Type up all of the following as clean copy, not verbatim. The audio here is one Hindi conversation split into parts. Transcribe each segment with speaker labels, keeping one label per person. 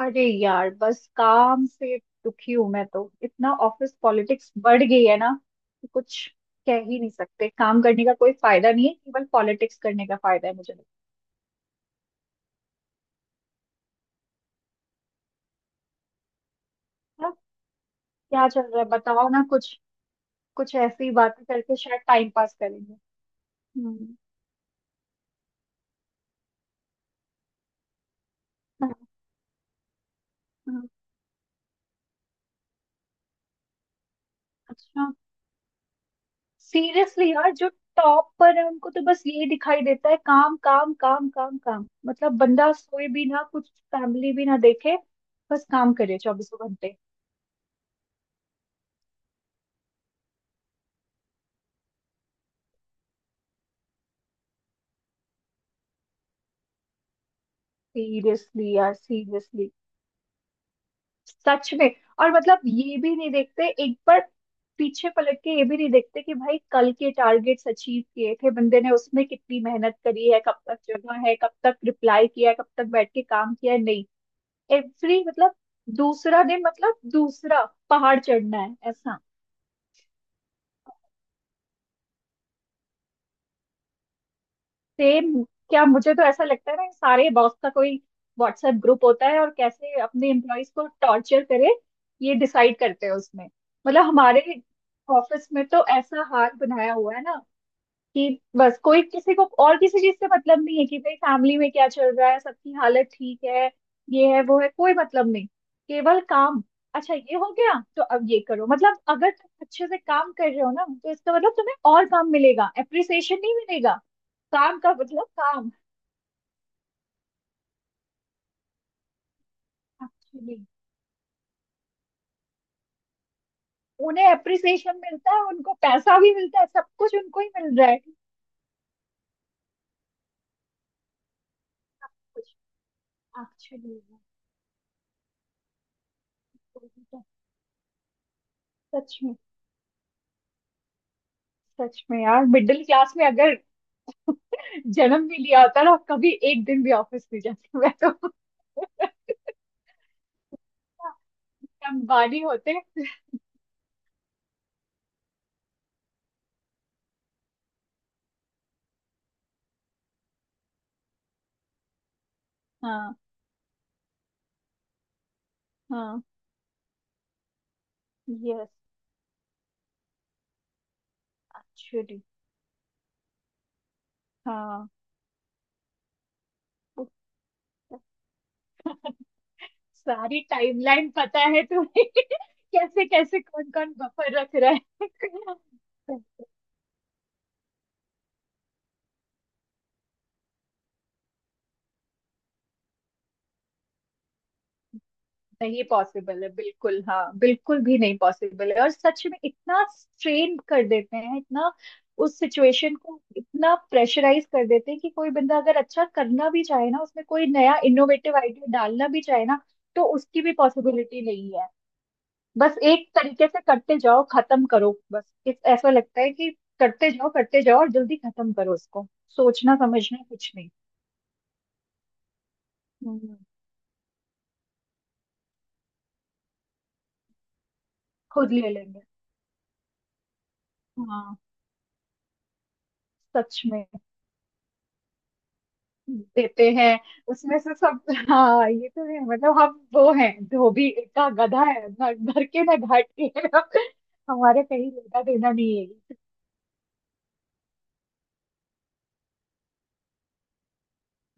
Speaker 1: अरे यार बस काम से दुखी हूं मैं तो इतना ऑफिस पॉलिटिक्स बढ़ गई है ना कि कुछ कह ही नहीं सकते। काम करने का कोई फायदा नहीं है, केवल पॉलिटिक्स करने का फायदा है मुझे लगता है। क्या चल रहा है बताओ ना कुछ? कुछ ऐसी बातें करके शायद टाइम पास करेंगे। हम्म। हाँ, हाँ, अच्छा। सीरियसली यार, जो टॉप पर है उनको तो बस यही दिखाई देता है काम काम काम काम काम। मतलब बंदा सोए भी ना, कुछ फैमिली भी ना देखे, बस काम करे चौबीसों घंटे। सीरियसली यार, सीरियसली। सच में। और मतलब ये भी नहीं देखते एक बार पीछे पलट के, ये भी नहीं देखते कि भाई कल के टारगेट्स अचीव किए थे बंदे ने, उसमें कितनी मेहनत करी है, कब तक जगा है, कब तक रिप्लाई किया है, कब तक बैठ के काम किया है। नहीं। एवरी मतलब दूसरा दिन मतलब दूसरा पहाड़ चढ़ना है, ऐसा। सेम क्या, मुझे तो ऐसा लगता है ना सारे बॉस का कोई व्हाट्सएप ग्रुप होता है, और कैसे अपने एम्प्लॉयज को टॉर्चर करे ये डिसाइड करते हैं उसमें। मतलब हमारे ऑफिस में तो ऐसा हाल बनाया हुआ है ना कि बस कोई किसी को और किसी चीज से मतलब नहीं है, कि भाई फैमिली में क्या चल रहा है, सबकी हालत ठीक है, ये है वो है, कोई मतलब नहीं। केवल काम। अच्छा ये हो गया तो अब ये करो। मतलब अगर तुम अच्छे से काम कर रहे हो ना तो इसका मतलब तुम्हें और काम मिलेगा, एप्रिसिएशन नहीं मिलेगा। काम का मतलब काम। एक्चुअली उन्हें एप्रिसिएशन मिलता है, उनको पैसा भी मिलता है, सब कुछ उनको ही मिल रहा है। कुछ एक्चुअली सच में। सच में यार मिडिल क्लास में अगर जन्म भी लिया होता ना, कभी एक दिन भी ऑफिस नहीं जाती मैं तो। अंबानी होते। हाँ हाँ। Yes actually. हाँ सारी टाइमलाइन पता है तुम्हें। कैसे कैसे कौन कौन बफर रख रहा है। नहीं पॉसिबल है, बिल्कुल हाँ, बिल्कुल भी नहीं पॉसिबल है। और सच में इतना स्ट्रेन कर देते हैं, इतना उस सिचुएशन को इतना प्रेशराइज कर देते हैं कि कोई बंदा अगर अच्छा करना भी चाहे ना, उसमें कोई नया इनोवेटिव आइडिया डालना भी चाहे ना, तो उसकी भी पॉसिबिलिटी नहीं है। बस एक तरीके से करते जाओ, खत्म करो बस। ऐसा लगता है कि करते जाओ और जल्दी खत्म करो उसको। सोचना समझना कुछ नहीं। हम्म। खुद ले लेंगे। हाँ सच में देते हैं उसमें से सब। हाँ ये तो है। मतलब हम वो हैं, धोबी का गधा है ना, घर के ना घाट के। हमारे कहीं लेना देना नहीं है।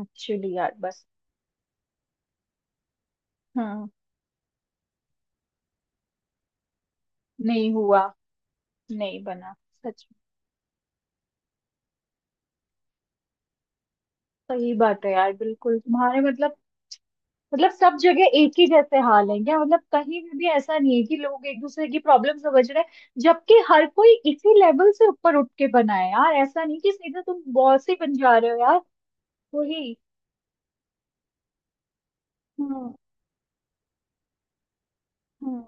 Speaker 1: एक्चुअली यार बस। हाँ। नहीं हुआ। नहीं बना। सच में। सही बात है यार, बिल्कुल तुम्हारे मतलब। मतलब सब जगह एक ही जैसे हाल है क्या? मतलब कहीं भी ऐसा नहीं है कि लोग एक दूसरे की प्रॉब्लम समझ रहे हैं। जबकि हर कोई इसी लेवल से ऊपर उठ के बना है यार, ऐसा नहीं कि सीधे तुम बॉस ही बन जा रहे हो यार। वही। हम्म हम्म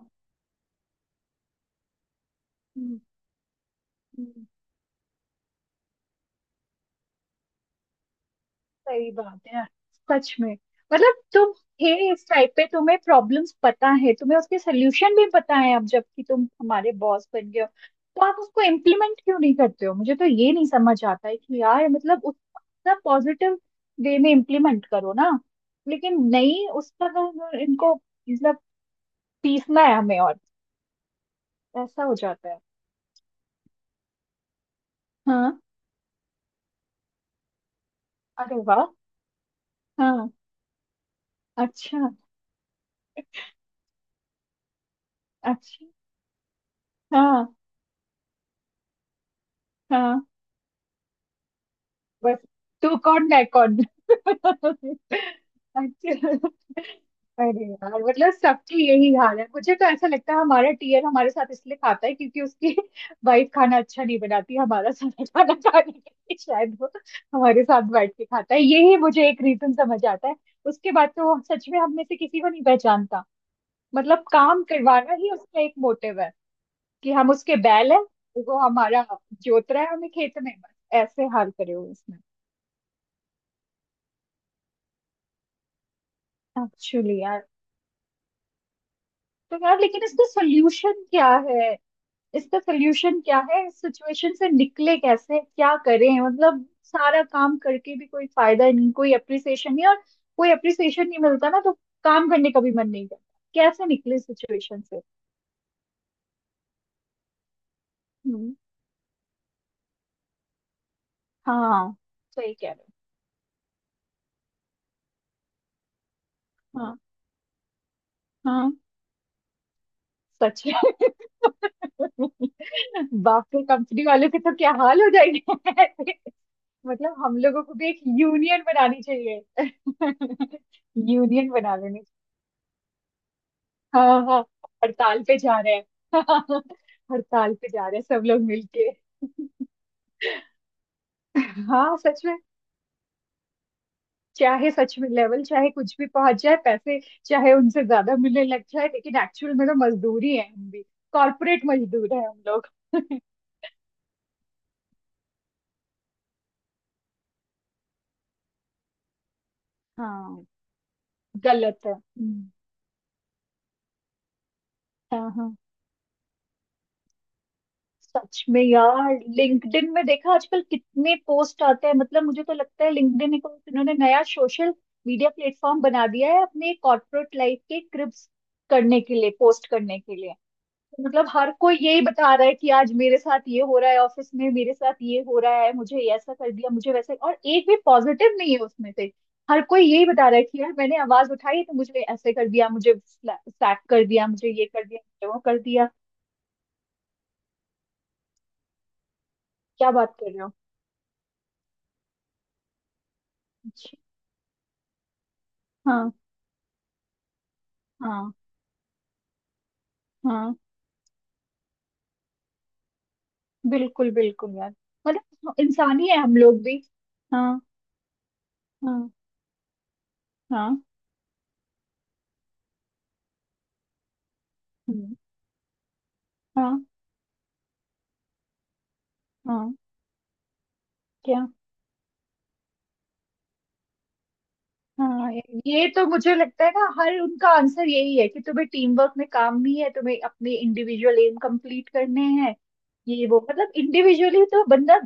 Speaker 1: हम्म, हम्म, सही बात है यार, सच में। मतलब तुम थे इस टाइप पे, तुम्हें प्रॉब्लम्स पता है, तुम्हें उसके सल्यूशन भी पता है, अब जबकि तुम हमारे बॉस बन गए हो तो आप उसको इम्प्लीमेंट क्यों नहीं करते हो? मुझे तो ये नहीं समझ आता है कि यार मतलब उसका पॉजिटिव वे में इम्प्लीमेंट करो ना। लेकिन नहीं, उसका तो इनको मतलब पीसना है हमें, और ऐसा हो जाता है। हाँ। अरे वाह। हाँ। अच्छा। अच्छा। हाँ हाँ। बस तू कौन है कौन। अच्छा। अरे यार मतलब सबकी यही हाल है। मुझे तो ऐसा लगता है हमारा टीयर हमारे साथ इसलिए खाता है क्योंकि उसकी वाइफ खाना अच्छा नहीं बनाती, हमारा सारा खाना खाने के लिए शायद वो हमारे साथ बैठ के खाता है। यही मुझे एक रीजन समझ आता है। उसके बाद तो वो सच में हम में से किसी को नहीं पहचानता। मतलब काम करवाना ही उसका एक मोटिव है। कि हम उसके बैल है, वो हमारा जोत रहा है हमें खेत में बस, ऐसे हाल करे हुए इसमें। एक्चुअली। तो यार लेकिन इसका सोल्यूशन क्या है? इसका सोल्यूशन क्या है? इस सिचुएशन से निकले कैसे, क्या करें? मतलब सारा काम करके भी कोई फायदा नहीं, कोई अप्रिसिएशन नहीं। और कोई अप्रिसिएशन नहीं मिलता ना, तो काम करने का भी मन नहीं करता। कैसे निकले सिचुएशन से? हम्म। हाँ सही कह रहे हो। हाँ हाँ। सच में। बाप रे, कंपनी वालों के तो क्या हाल हो जाएंगे। मतलब हम लोगों को भी एक यूनियन बनानी चाहिए। यूनियन बना लेनी चाहिए। हाँ हाँ। हड़ताल पे जा रहे हैं। हड़ताल पे जा रहे हैं सब लोग मिलके। हाँ सच में। चाहे सच में लेवल चाहे कुछ भी पहुंच जाए, पैसे चाहे उनसे ज्यादा मिलने लग जाए, लेकिन एक्चुअल में तो मजदूरी है हम भी। कॉर्पोरेट मजदूर है हम लोग। हाँ गलत है। हाँ हाँ। सच में यार लिंक्डइन में देखा आजकल कितने पोस्ट आते हैं। मतलब मुझे तो लगता है लिंक्डइन एक इन्होंने नया सोशल मीडिया प्लेटफॉर्म बना दिया है अपने कॉर्पोरेट लाइफ के क्रिप्स करने के लिए, पोस्ट करने के लिए। मतलब हर कोई यही बता रहा है कि आज मेरे साथ ये हो रहा है, ऑफिस में मेरे साथ ये हो रहा है, मुझे ये ऐसा कर दिया, मुझे वैसा, और एक भी पॉजिटिव नहीं है उसमें से। हर कोई यही बता रहा है कि यार मैंने आवाज उठाई तो मुझे ऐसे कर दिया, मुझे स्लैप कर दिया, मुझे ये कर दिया, मुझे वो कर दिया। क्या बात कर रहे हो? अच्छा, हाँ हाँ हाँ। बिल्कुल बिल्कुल यार। मतलब हाँ, इंसान ही है हम लोग भी। हाँ हाँ हाँ। हम्म, हाँ हाँ। क्या। हाँ ये तो मुझे लगता है ना हर उनका आंसर यही है कि तुम्हें टीम वर्क में काम भी है, तुम्हें अपने इंडिविजुअल एम कंप्लीट करने हैं। ये वो मतलब इंडिविजुअली तो बंदा,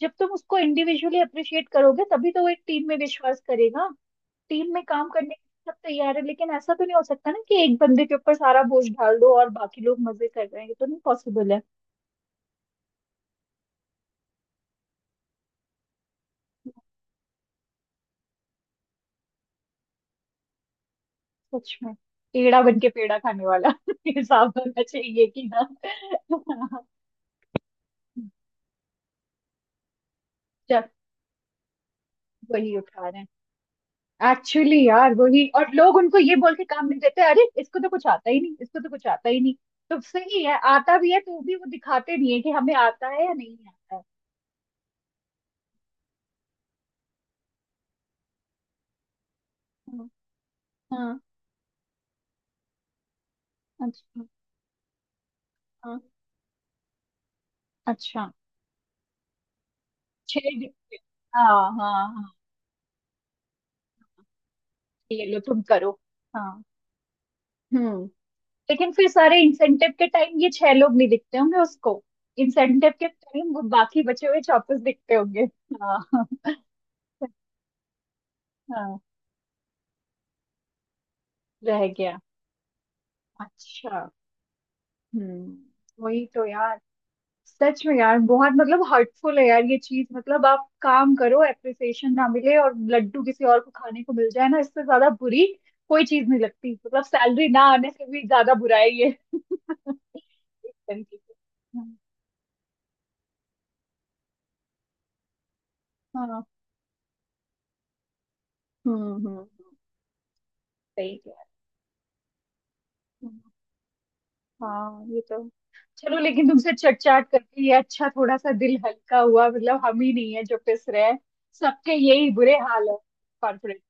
Speaker 1: जब तुम उसको इंडिविजुअली अप्रिशिएट करोगे तभी तो वो एक टीम में विश्वास करेगा। टीम में काम करने के लिए सब तैयार है, लेकिन ऐसा तो नहीं हो सकता ना कि एक बंदे के ऊपर सारा बोझ डाल दो और बाकी लोग मजे कर रहे हैं। ये तो नहीं पॉसिबल है। सच में। पेड़ा बन के पेड़ा खाने वाला हिसाब होना चाहिए कि ना। चल वही उठा रहे हैं एक्चुअली यार वही। और लोग उनको ये बोल के काम नहीं देते, अरे इसको तो कुछ आता ही नहीं, इसको तो कुछ आता ही नहीं। तो सही है, आता भी है तो भी वो दिखाते नहीं है कि हमें आता है या नहीं आता है। हाँ हाँ, अच्छा। हाँ अच्छा। छह डिफरेंट। हाँ हाँ हाँ। ये लो तुम करो। हाँ। हम्म, लेकिन फिर सारे इंसेंटिव के टाइम ये छह लोग नहीं दिखते होंगे उसको। इंसेंटिव के टाइम वो बाकी बचे हुए चौतीस दिखते होंगे। हाँ। हाँ रह गया। अच्छा। वही तो यार। सच में यार बहुत, मतलब हर्टफुल है यार ये चीज। मतलब आप काम करो, एप्रिसिएशन ना मिले और लड्डू किसी और को खाने को मिल जाए ना, इससे ज्यादा बुरी कोई चीज नहीं लगती। मतलब सैलरी ना आने से भी ज्यादा बुरा है ये। कंफ्यूज। हाँ। हम्म हम्म हम्म, सही कह। हम्म, हाँ ये तो। चलो, लेकिन तुमसे चट चाट करके ये अच्छा, थोड़ा सा दिल हल्का हुआ। मतलब हम ही नहीं है जो पिस रहे हैं। सबके यही बुरे हाल है कॉर्पोरेट।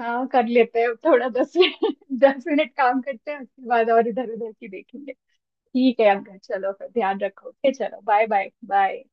Speaker 1: हाँ कर लेते हैं अब थोड़ा, 10 मिनट 10 मिनट काम करते हैं, उसके बाद और इधर उधर की देखेंगे। ठीक है अंकल, चलो फिर ध्यान रखो, ओके, चलो बाय बाय बाय।